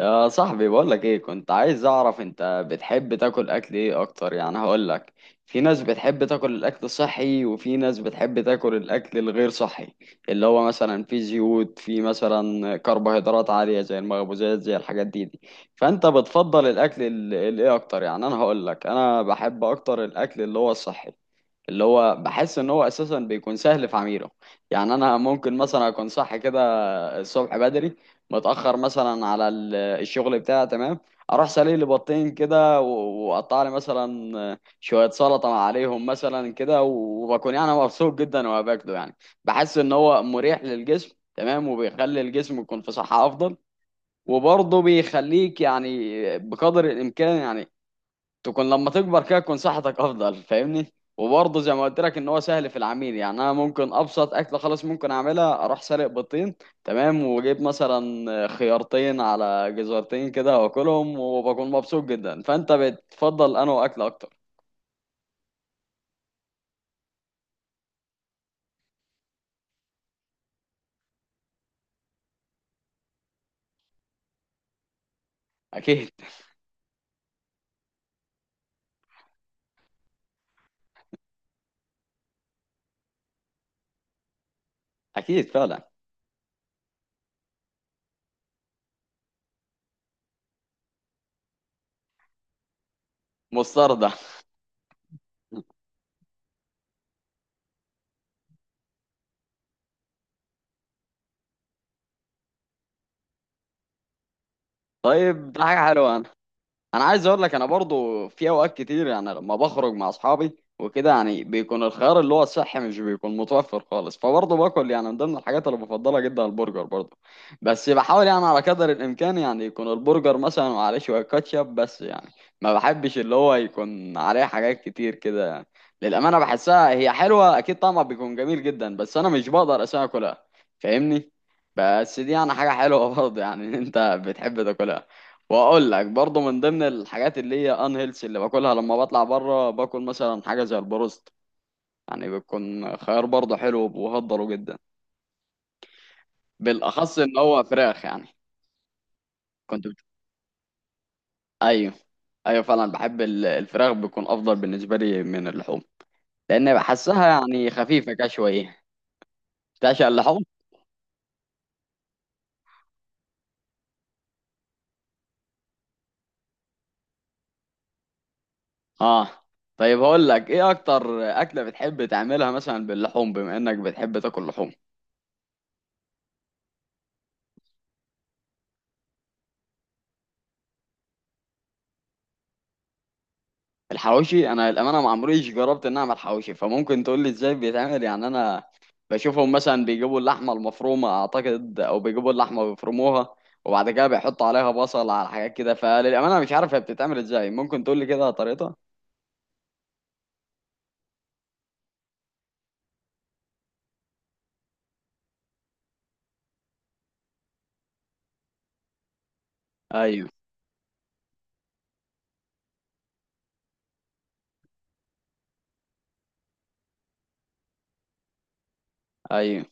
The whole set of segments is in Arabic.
يا صاحبي، بقولك ايه، كنت عايز اعرف انت بتحب تاكل اكل ايه اكتر، يعني هقولك. في ناس بتحب تاكل الاكل الصحي، وفي ناس بتحب تاكل الاكل الغير صحي، اللي هو مثلا فيه زيوت، فيه مثلا كربوهيدرات عالية، زي المخبوزات، زي الحاجات دي. فانت بتفضل الاكل الايه اكتر، يعني انا هقولك انا بحب اكتر الاكل اللي هو الصحي. اللي هو بحس ان هو اساسا بيكون سهل في عميله. يعني انا ممكن مثلا اكون صح كده، الصبح بدري، متأخر مثلا على الشغل بتاعي، تمام. اروح سالي لي بطين كده، واقطع لي مثلا شوية سلطة عليهم مثلا كده، وبكون يعني مبسوط جدا وانا باكله، يعني بحس ان هو مريح للجسم، تمام، وبيخلي الجسم يكون في صحة افضل. وبرضه بيخليك يعني، بقدر الامكان يعني، تكون لما تكبر كده تكون صحتك افضل، فاهمني؟ وبرضه زي ما قلت لك ان هو سهل في العميل، يعني انا ممكن ابسط اكله، خلاص ممكن اعملها، اروح سالق بيضتين، تمام، واجيب مثلا خيارتين على جزرتين كده واكلهم وبكون مبسوط جدا. فانت بتفضل انه اكل اكتر؟ اكيد. اكيد فعلا. مستردة. طيب، ده حاجه حلوه. انا عايز اقول لك انا برضو في اوقات كتير، يعني لما بخرج مع اصحابي وكده، يعني بيكون الخيار اللي هو الصحي مش بيكون متوفر خالص، فبرضه باكل يعني من ضمن الحاجات اللي بفضلها جدا البرجر برضه. بس بحاول يعني على قدر الامكان يعني يكون البرجر مثلا وعليه شويه كاتشب بس، يعني ما بحبش اللي هو يكون عليه حاجات كتير كده، يعني للامانه بحسها هي حلوه، اكيد طعمها بيكون جميل جدا، بس انا مش بقدر اساسا اكلها، فاهمني؟ بس دي يعني حاجه حلوه برضه، يعني انت بتحب تاكلها. واقول لك برضه من ضمن الحاجات اللي هي ان هيلث اللي باكلها لما بطلع بره، باكل مثلا حاجه زي البروست. يعني بيكون خيار برضه حلو وبهضره جدا، بالاخص ان هو فراخ، يعني. كنت بت... ايوه، ايوه فعلا، بحب الفراخ بيكون افضل بالنسبه لي من اللحوم، لان بحسها يعني خفيفه كده شويه. تعشق اللحوم؟ اه. طيب هقول لك ايه اكتر اكله بتحب تعملها مثلا باللحوم، بما انك بتحب تاكل لحوم؟ الحواوشي، انا للامانه ما عمريش جربت ان اعمل حواوشي، فممكن تقول لي ازاي بيتعمل؟ يعني انا بشوفهم مثلا بيجيبوا اللحمه المفرومه اعتقد، او بيجيبوا اللحمه بيفرموها، وبعد كده بيحطوا عليها بصل على حاجات كده. فللامانه مش عارف هي بتتعمل ازاي، ممكن تقول لي كده طريقتها؟ ايوه. ايوه.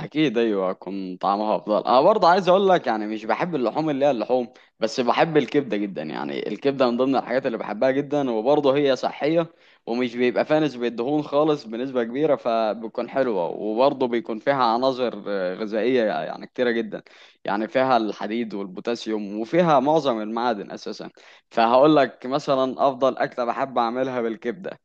اكيد. ايوه، كان طعمها افضل. انا برضه عايز اقول لك يعني مش بحب اللحوم اللي هي اللحوم، بس بحب الكبده جدا، يعني الكبده من ضمن الحاجات اللي بحبها جدا، وبرضه هي صحيه، ومش بيبقى فيها نسبه دهون خالص بنسبه كبيره، فبتكون حلوه، وبرضه بيكون فيها عناصر غذائيه يعني كتيره جدا. يعني فيها الحديد والبوتاسيوم، وفيها معظم المعادن اساسا. فهقول لك مثلا افضل اكله بحب اعملها بالكبده.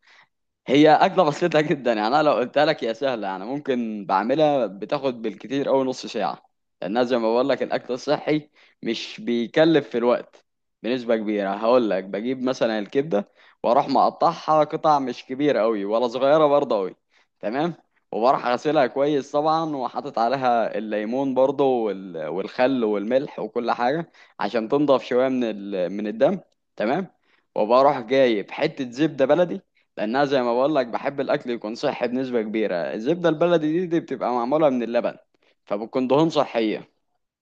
هي أكلة بسيطة جدا، يعني أنا لو قلتها لك هي سهلة، يعني ممكن بعملها بتاخد بالكتير أوي نص ساعة. لأنها زي ما بقول لك الأكل الصحي مش بيكلف في الوقت بنسبة كبيرة. هقول لك بجيب مثلا الكبدة، وأروح مقطعها قطع مش كبيرة أوي ولا صغيرة برضه أوي، تمام. وبروح غسلها كويس طبعا، وحاطط عليها الليمون برضه، والخل والملح وكل حاجة، عشان تنضف شوية من الدم، تمام. وبروح جايب حتة زبدة بلدي، لانها زي ما بقول لك بحب الاكل يكون صحي بنسبه كبيره. الزبده البلدي دي بتبقى معموله من اللبن، فبتكون دهون صحيه،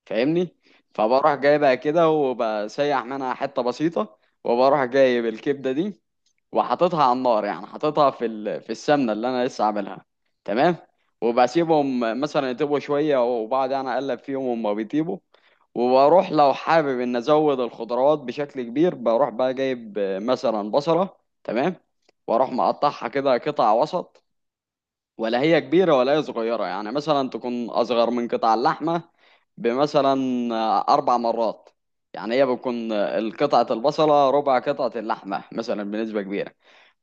فاهمني؟ فبروح جايبها كده وبسيح منها حته بسيطه، وبروح جايب الكبده دي، وحاططها على النار، يعني حاططها في السمنه اللي انا لسه عاملها، تمام. وبسيبهم مثلا يطيبوا شويه، وبعد انا اقلب فيهم وهم بيطيبوا. وبروح لو حابب ان ازود الخضروات بشكل كبير، بروح بقى جايب مثلا بصلة، تمام. واروح مقطعها كده قطع وسط، ولا هي كبيرة ولا هي صغيرة، يعني مثلا تكون اصغر من قطع اللحمة بمثلا اربع مرات. يعني هي بتكون قطعة البصلة ربع قطعة اللحمة مثلا بنسبة كبيرة.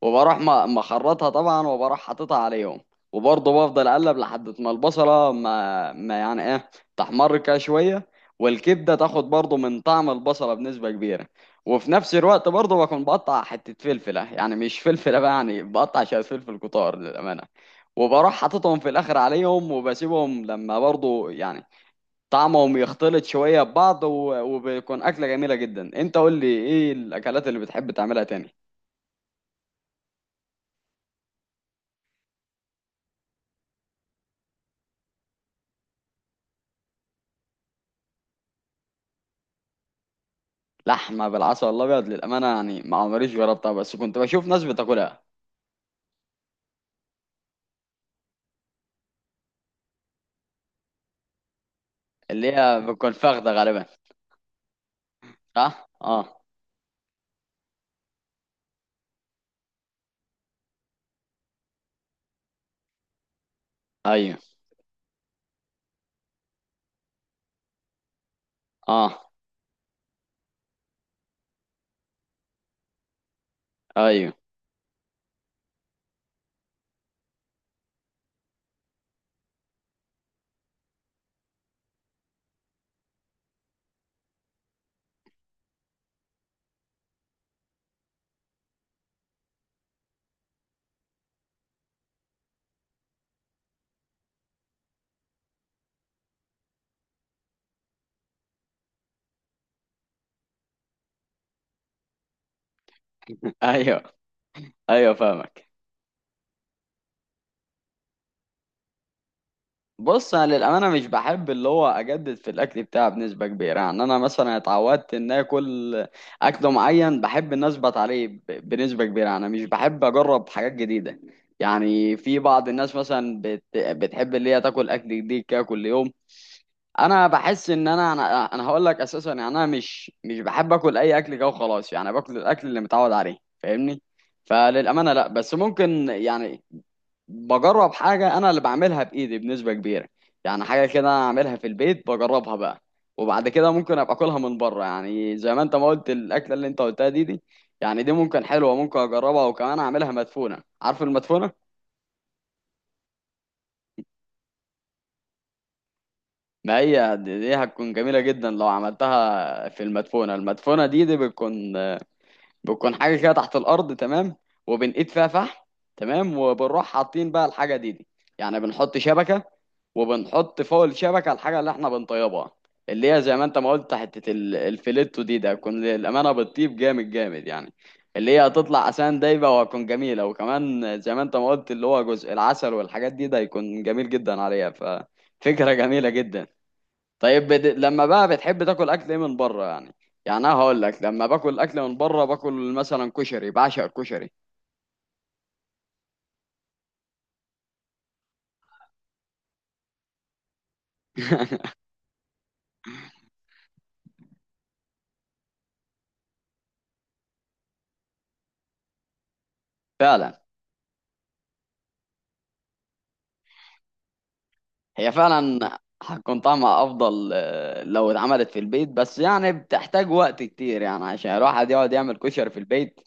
وبروح مخرطها طبعا، وبروح حاططها عليهم. وبرضه بفضل اقلب لحد ما البصله ما يعني ايه، تحمر كده شويه. والكبده تاخد برضه من طعم البصله بنسبه كبيره. وفي نفس الوقت برضه بكون بقطع حته فلفله، يعني مش فلفله بقى، يعني بقطع شويه فلفل كتار للامانه. وبروح حاططهم في الاخر عليهم وبسيبهم لما برضه يعني طعمهم يختلط شويه ببعض، وبيكون اكله جميله جدا. انت قول لي ايه الاكلات اللي بتحب تعملها تاني؟ لحمه بالعسل الابيض؟ للامانه يعني ما عمريش جربتها، بس كنت بشوف ناس بتاكلها. اللي هي بتكون فاخده غالبا. صح، اه. ايوه. اه. ايوه. ايوه. ايوه فاهمك. بص انا للامانه مش بحب اللي هو اجدد في الاكل بتاعي بنسبه كبيره، يعني انا مثلا اتعودت ان اكل اكل معين بحب ان اثبت عليه بنسبه كبيره، انا مش بحب اجرب حاجات جديده. يعني في بعض الناس مثلا بتحب اللي هي تاكل اكل جديد كده كل يوم. انا بحس ان أنا هقول لك اساسا، يعني انا مش بحب اكل اي اكل كده وخلاص، يعني باكل الاكل اللي متعود عليه، فاهمني؟ فللامانه لا، بس ممكن يعني بجرب حاجه انا اللي بعملها بايدي بنسبه كبيره. يعني حاجه كده انا اعملها في البيت بجربها بقى، وبعد كده ممكن ابقى اكلها من بره، يعني زي ما انت ما قلت الاكله اللي انت قلتها دي. يعني دي ممكن حلوه، ممكن اجربها، وكمان اعملها مدفونه، عارف المدفونه؟ ما هي دي هتكون جميلة جدا لو عملتها في المدفونة، المدفونة دي بتكون حاجه كده تحت الارض، تمام. وبنقيد فيها فحم، تمام، وبنروح حاطين بقى الحاجه دي، يعني بنحط شبكه، وبنحط فوق الشبكه الحاجه اللي احنا بنطيبها، اللي هي زي ما انت ما قلت حته الفيليتو دي، ده هتكون للامانه بتطيب جامد جامد، يعني اللي هي هتطلع اسان دايبه وهتكون جميله، وكمان زي ما انت ما قلت اللي هو جزء العسل والحاجات دي، ده هيكون جميل جدا عليها، ففكره جميله جدا. طيب، لما بقى بتحب تاكل اكل ايه من بره، يعني. يعني انا هقول لك لما باكل اكل من بره باكل مثلا كشري، بعشق الكشري. فعلا. هي فعلا هتكون طعمها افضل لو اتعملت في البيت، بس يعني بتحتاج وقت كتير، يعني عشان الواحد يقعد يعمل كشري في البيت.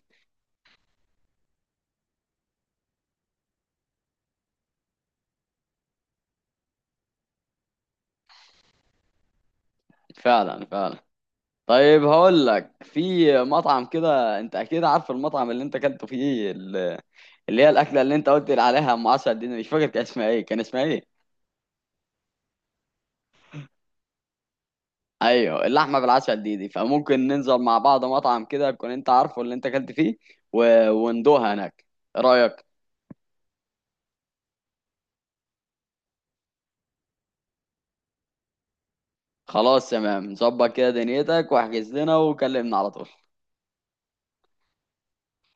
فعلا. فعلا. طيب، هقول لك في مطعم كده انت اكيد عارف المطعم اللي انت اكلته فيه اللي هي الاكله اللي انت قلت لي عليها ام عسل دي، أنا مش فاكر كان اسمها ايه، كان اسمها ايه؟ ايوه، اللحمه بالعسل دي، فممكن ننزل مع بعض مطعم كده تكون انت عارفه اللي انت اكلت فيه، وندوها هناك، ايه رايك؟ خلاص، تمام، ظبط كده دنيتك واحجز لنا وكلمنا على طول.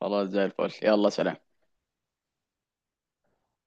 خلاص، زي الفل، يلا سلام.